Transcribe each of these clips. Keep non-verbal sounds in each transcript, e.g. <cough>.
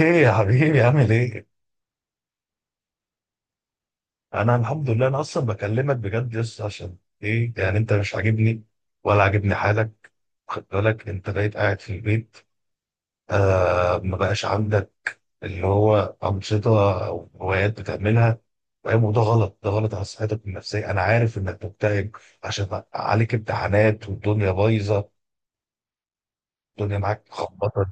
ايه يا حبيبي عامل ايه؟ انا الحمد لله. انا اصلا بكلمك بجد يس عشان ايه، يعني انت مش عاجبني ولا عاجبني حالك. خد بالك، انت بقيت قاعد في البيت. ما بقاش عندك اللي هو انشطه او هوايات بتعملها. فاهم؟ وده غلط، ده غلط على صحتك النفسيه. انا عارف انك مكتئب عشان عليك امتحانات والدنيا بايظه. الدنيا معاك مخبطه.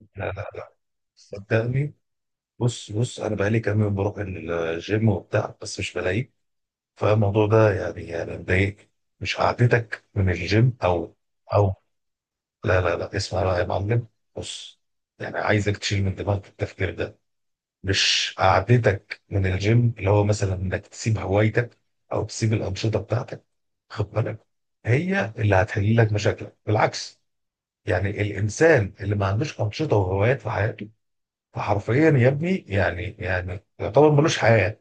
لا، لا، لا، صدقني. بص، بص، انا بقالي كام يوم بروح الجيم وبتاع بس مش بلاقيك. فالموضوع ده يعني مضايق. مش قعدتك من الجيم او. لا، لا، لا، اسمع بقى يا معلم. بص، يعني عايزك تشيل من دماغك التفكير ده. مش قعدتك من الجيم اللي هو مثلا انك تسيب هوايتك او تسيب الانشطه بتاعتك. خد بالك، هي اللي هتحل لك مشاكلك بالعكس. يعني الانسان اللي ما عندوش انشطه وهوايات في حياته، فحرفيا يا ابني يعني يعتبر ملوش حياه.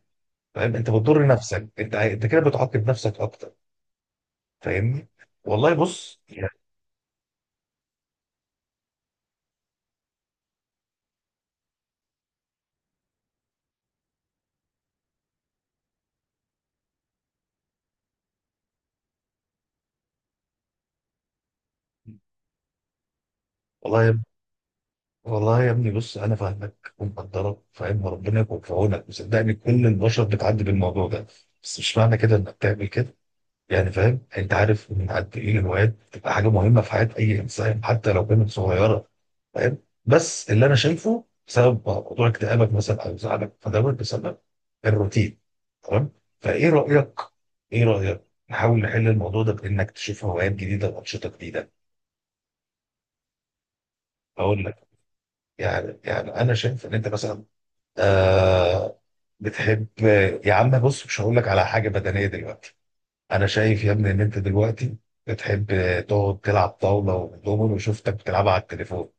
فاهم؟ انت بتضر نفسك. انت انت كده بتعاقب نفسك اكتر. فاهمني؟ والله بص يعني. والله يا والله يا ابني، بص، انا فاهمك ومقدرك. فاهم؟ وربنا يكون في عونك، وصدقني كل البشر بتعدي بالموضوع ده. بس مش معنى كده انك تعمل كده. يعني فاهم؟ انت عارف من قد ايه الهوايات بتبقى حاجه مهمه في حياه اي انسان، حتى لو كانت صغيره. فاهم؟ بس اللي انا شايفه، بسبب موضوع اكتئابك مثلا او زعلك فدوت، بسبب الروتين. تمام؟ فايه رايك ايه رايك نحاول نحل الموضوع ده بانك تشوف هوايات جديده وانشطه جديده؟ اقول لك. يعني انا شايف ان انت مثلا، آه بتحب. يا عم بص، مش هقول لك على حاجه بدنيه دلوقتي. انا شايف يا ابني ان انت دلوقتي بتحب تقعد تلعب طاوله ودومينو، وشفتك بتلعبها على التليفون.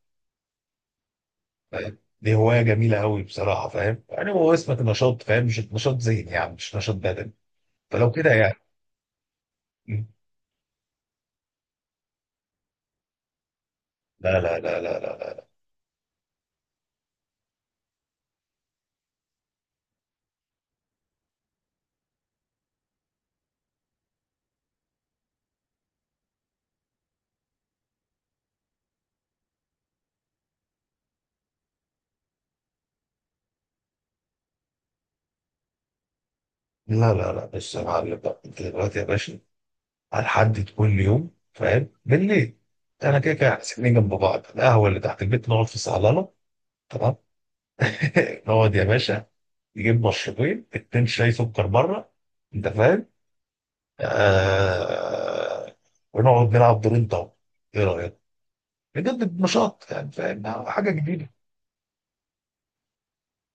فاهم؟ دي هوايه جميله قوي بصراحه. فاهم؟ يعني هو اسمك نشاط، فاهم؟ مش نشاط ذهني، يعني مش نشاط بدني. فلو كده يعني. لا، لا، لا، لا، لا، لا، لا، لا، لا. بص يا معلم بقى، انت دلوقتي يا باشا، هنحدد كل يوم فاهم، بالليل. انا كده كده إحنا ساكنين جنب بعض، القهوه اللي تحت البيت نقعد في صالونه. تمام؟ <laughs> نقعد يا باشا، نجيب مشروبين اتنين شاي سكر بره. انت فاهم؟ آه... ونقعد نلعب دورين طاوله. ايه رايك؟ بجد نشاط يعني، فاهم، حاجه جديده.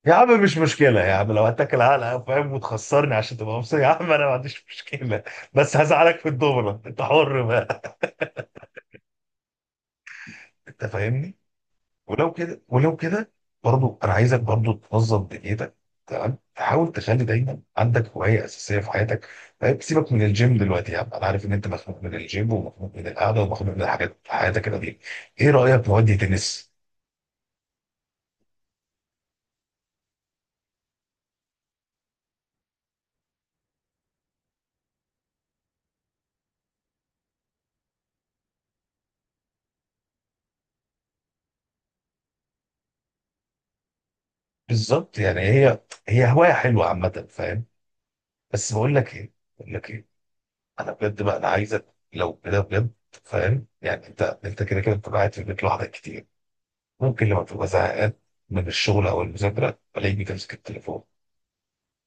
يا عم مش مشكله يا عم، لو هتاكل علقه فاهم وتخسرني عشان تبقى مبسوط، يا عم انا ما عنديش مشكله. بس هزعلك في الدوره، انت حر بقى. انت فاهمني؟ ولو كده برضو انا عايزك برضو تنظم دنيتك. تمام؟ تحاول تخلي دايما عندك هوايه اساسيه في حياتك. طيب سيبك من الجيم دلوقتي يا عم. انا عارف ان انت مخنوق من الجيم ومخنوق من القعده ومخنوق من الحاجات في حياتك كده دي. ايه رايك نودي تنس؟ بالظبط، يعني هي هوايه حلوه عامه، فاهم. بس بقول لك ايه، انا بجد بقى انا عايزك لو كده بجد. فاهم؟ يعني انت كده كده بتبقى قاعد في البيت لوحدك كتير. ممكن لما تبقى زهقان من الشغل او المذاكره، تلاقيك بتمسك التليفون.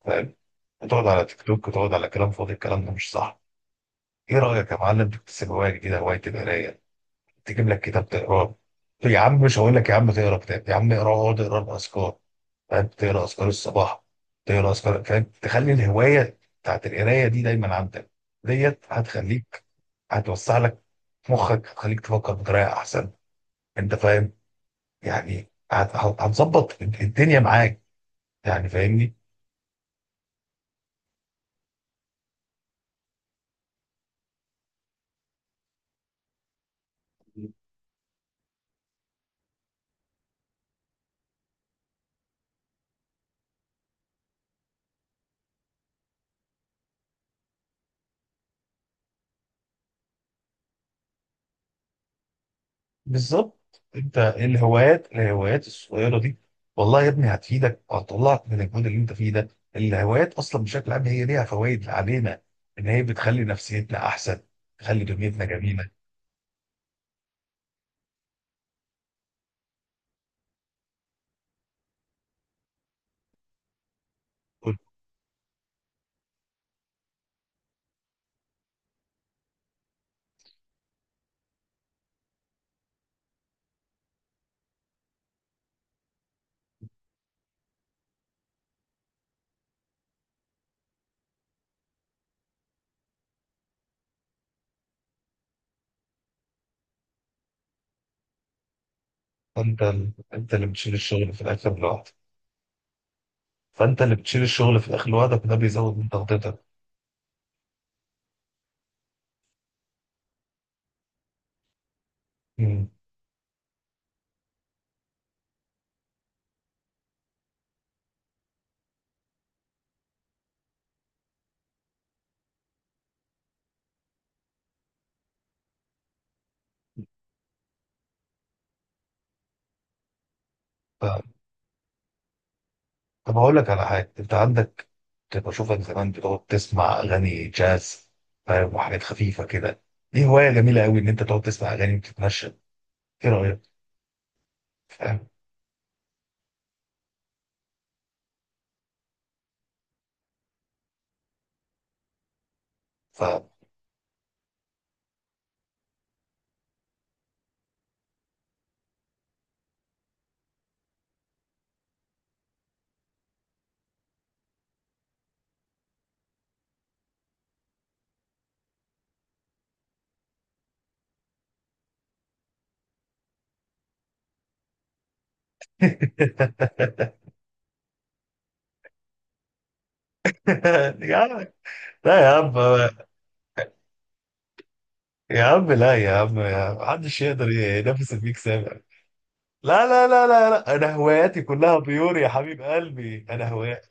فاهم؟ تقعد على تيك توك وتقعد على كلام فاضي. الكلام ده مش صح. ايه رايك يا معلم تكتسب هوايه جديده، هوايه القرايه؟ تجيب لك كتاب تقراه. يا عم مش هقول لك يا عم تقرا كتاب يا عم. اقرا، اقعد اقرا الاذكار. فاهم؟ تقرا اذكار الصباح، تقرا اذكار، فاهم. تخلي الهوايه بتاعت القرايه دي دايما عندك. ديت هتخليك، هتوسع لك مخك، هتخليك تفكر بطريقه احسن. انت فاهم؟ يعني هتظبط الدنيا معاك. يعني فاهمني؟ بالظبط. انت إيه الهوايات الصغيره دي؟ والله يا ابني هتفيدك وهتطلعك من المود اللي انت فيه ده. الهوايات اصلا بشكل عام هي ليها فوائد علينا، ان هي بتخلي نفسيتنا احسن، تخلي دنيتنا جميله. انت اللي بتشيل الشغل في الاخر لوحدك. فانت اللي بتشيل الشغل في الاخر لوحدك، وده بيزود من ضغطتك. مم. طب اقول لك على حاجه انت عندك. كنت بشوفك زمان بتقعد تسمع اغاني جاز، فاهم، وحاجات خفيفه كده. دي هوايه جميله قوي ان انت تقعد تسمع اغاني وتتمشى. ايه رايك؟ فاهم؟ ف <laughs> يا عم لا يا عم يا عم، لا يا عم يا عم. محدش يقدر ينافس الميك سامع. لا، لا، لا، لا، لا، انا هواياتي كلها بيور يا حبيب قلبي. انا هوايات.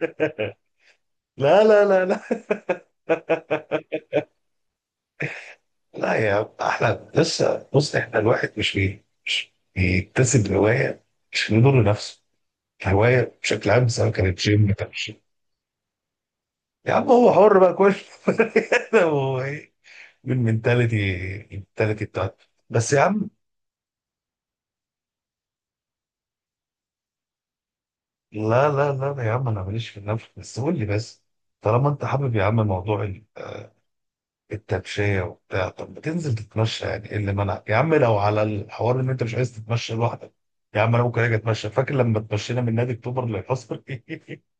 <laughs> لا، لا، لا، لا، لا. يا، احنا لسه، بص احنا الواحد مش بيكتسب هوايه عشان يضر نفسه. الهوايه بشكل عام، سواء كانت جيم تمشي، يا عم هو حر بقى كل... <laughs> هو ايه؟ بالمنتاليتي بتاعته بس يا عم. لا، لا، لا، يا عم انا ماليش في النفس، بس قول لي بس. طالما انت حابب يا عم موضوع التمشية وبتاع، طب ما تنزل تتمشى. يعني ايه اللي منعك يا عم؟ لو على الحوار ان انت مش عايز تتمشى لوحدك، يا عم انا ممكن اجي اتمشى. فاكر لما اتمشينا من نادي اكتوبر للحصر؟ <laughs>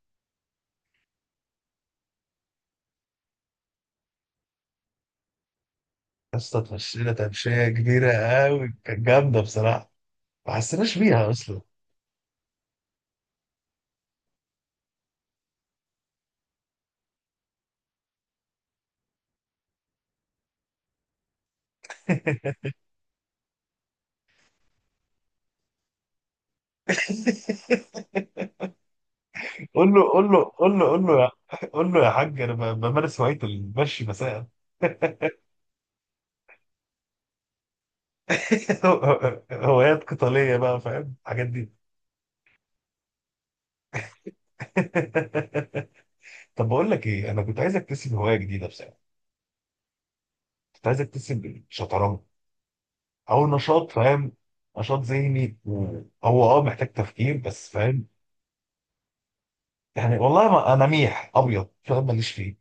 يا اسطى اتمشينا تمشية كبيرة قوي، كانت جامدة بصراحة، ما حسيناش بيها اصلا. <laughs> قول له، قول له، قول له، قول له، قول له يا حاج انا بمارس هواية المشي مساء. <laughs> هوايات قتالية بقى، فاهم الحاجات دي. <laughs> طب بقول لك ايه، انا كنت عايز اكتسب هواية جديدة بصراحة. كنت عايز اكتسب الشطرنج، او نشاط، فاهم، نشاط ذهني هو، محتاج تفكير بس، فاهم. يعني والله ما انا ميح ابيض، فاهم، ماليش فيه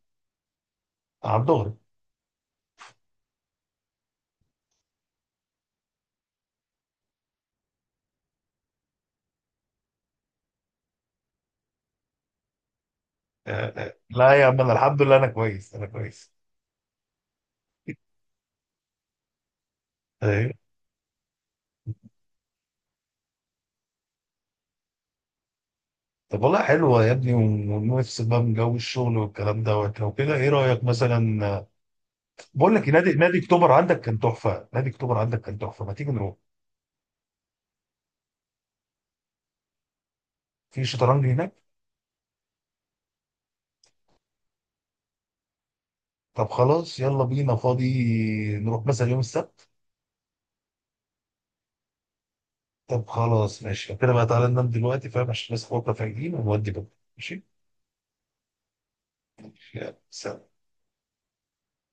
على الدغري. آه، لا يا عم انا الحمد لله، انا كويس انا كويس. <laughs> ايوه. طب والله حلوه يا ابني، ونفس بقى من جو الشغل والكلام دوت. لو كده ايه رايك مثلا؟ بقول لك إيه، نادي اكتوبر عندك كان تحفه، نادي اكتوبر عندك كان تحفه، ما تيجي نروح؟ في شطرنج هناك. طب خلاص يلا بينا فاضي، نروح مثلا يوم السبت. طب خلاص ماشي لو كده بقى، تعالى ننام دلوقتي فاهم، عشان نصحى بكره فايقين ونودي بكره. ماشي، يلا سلام.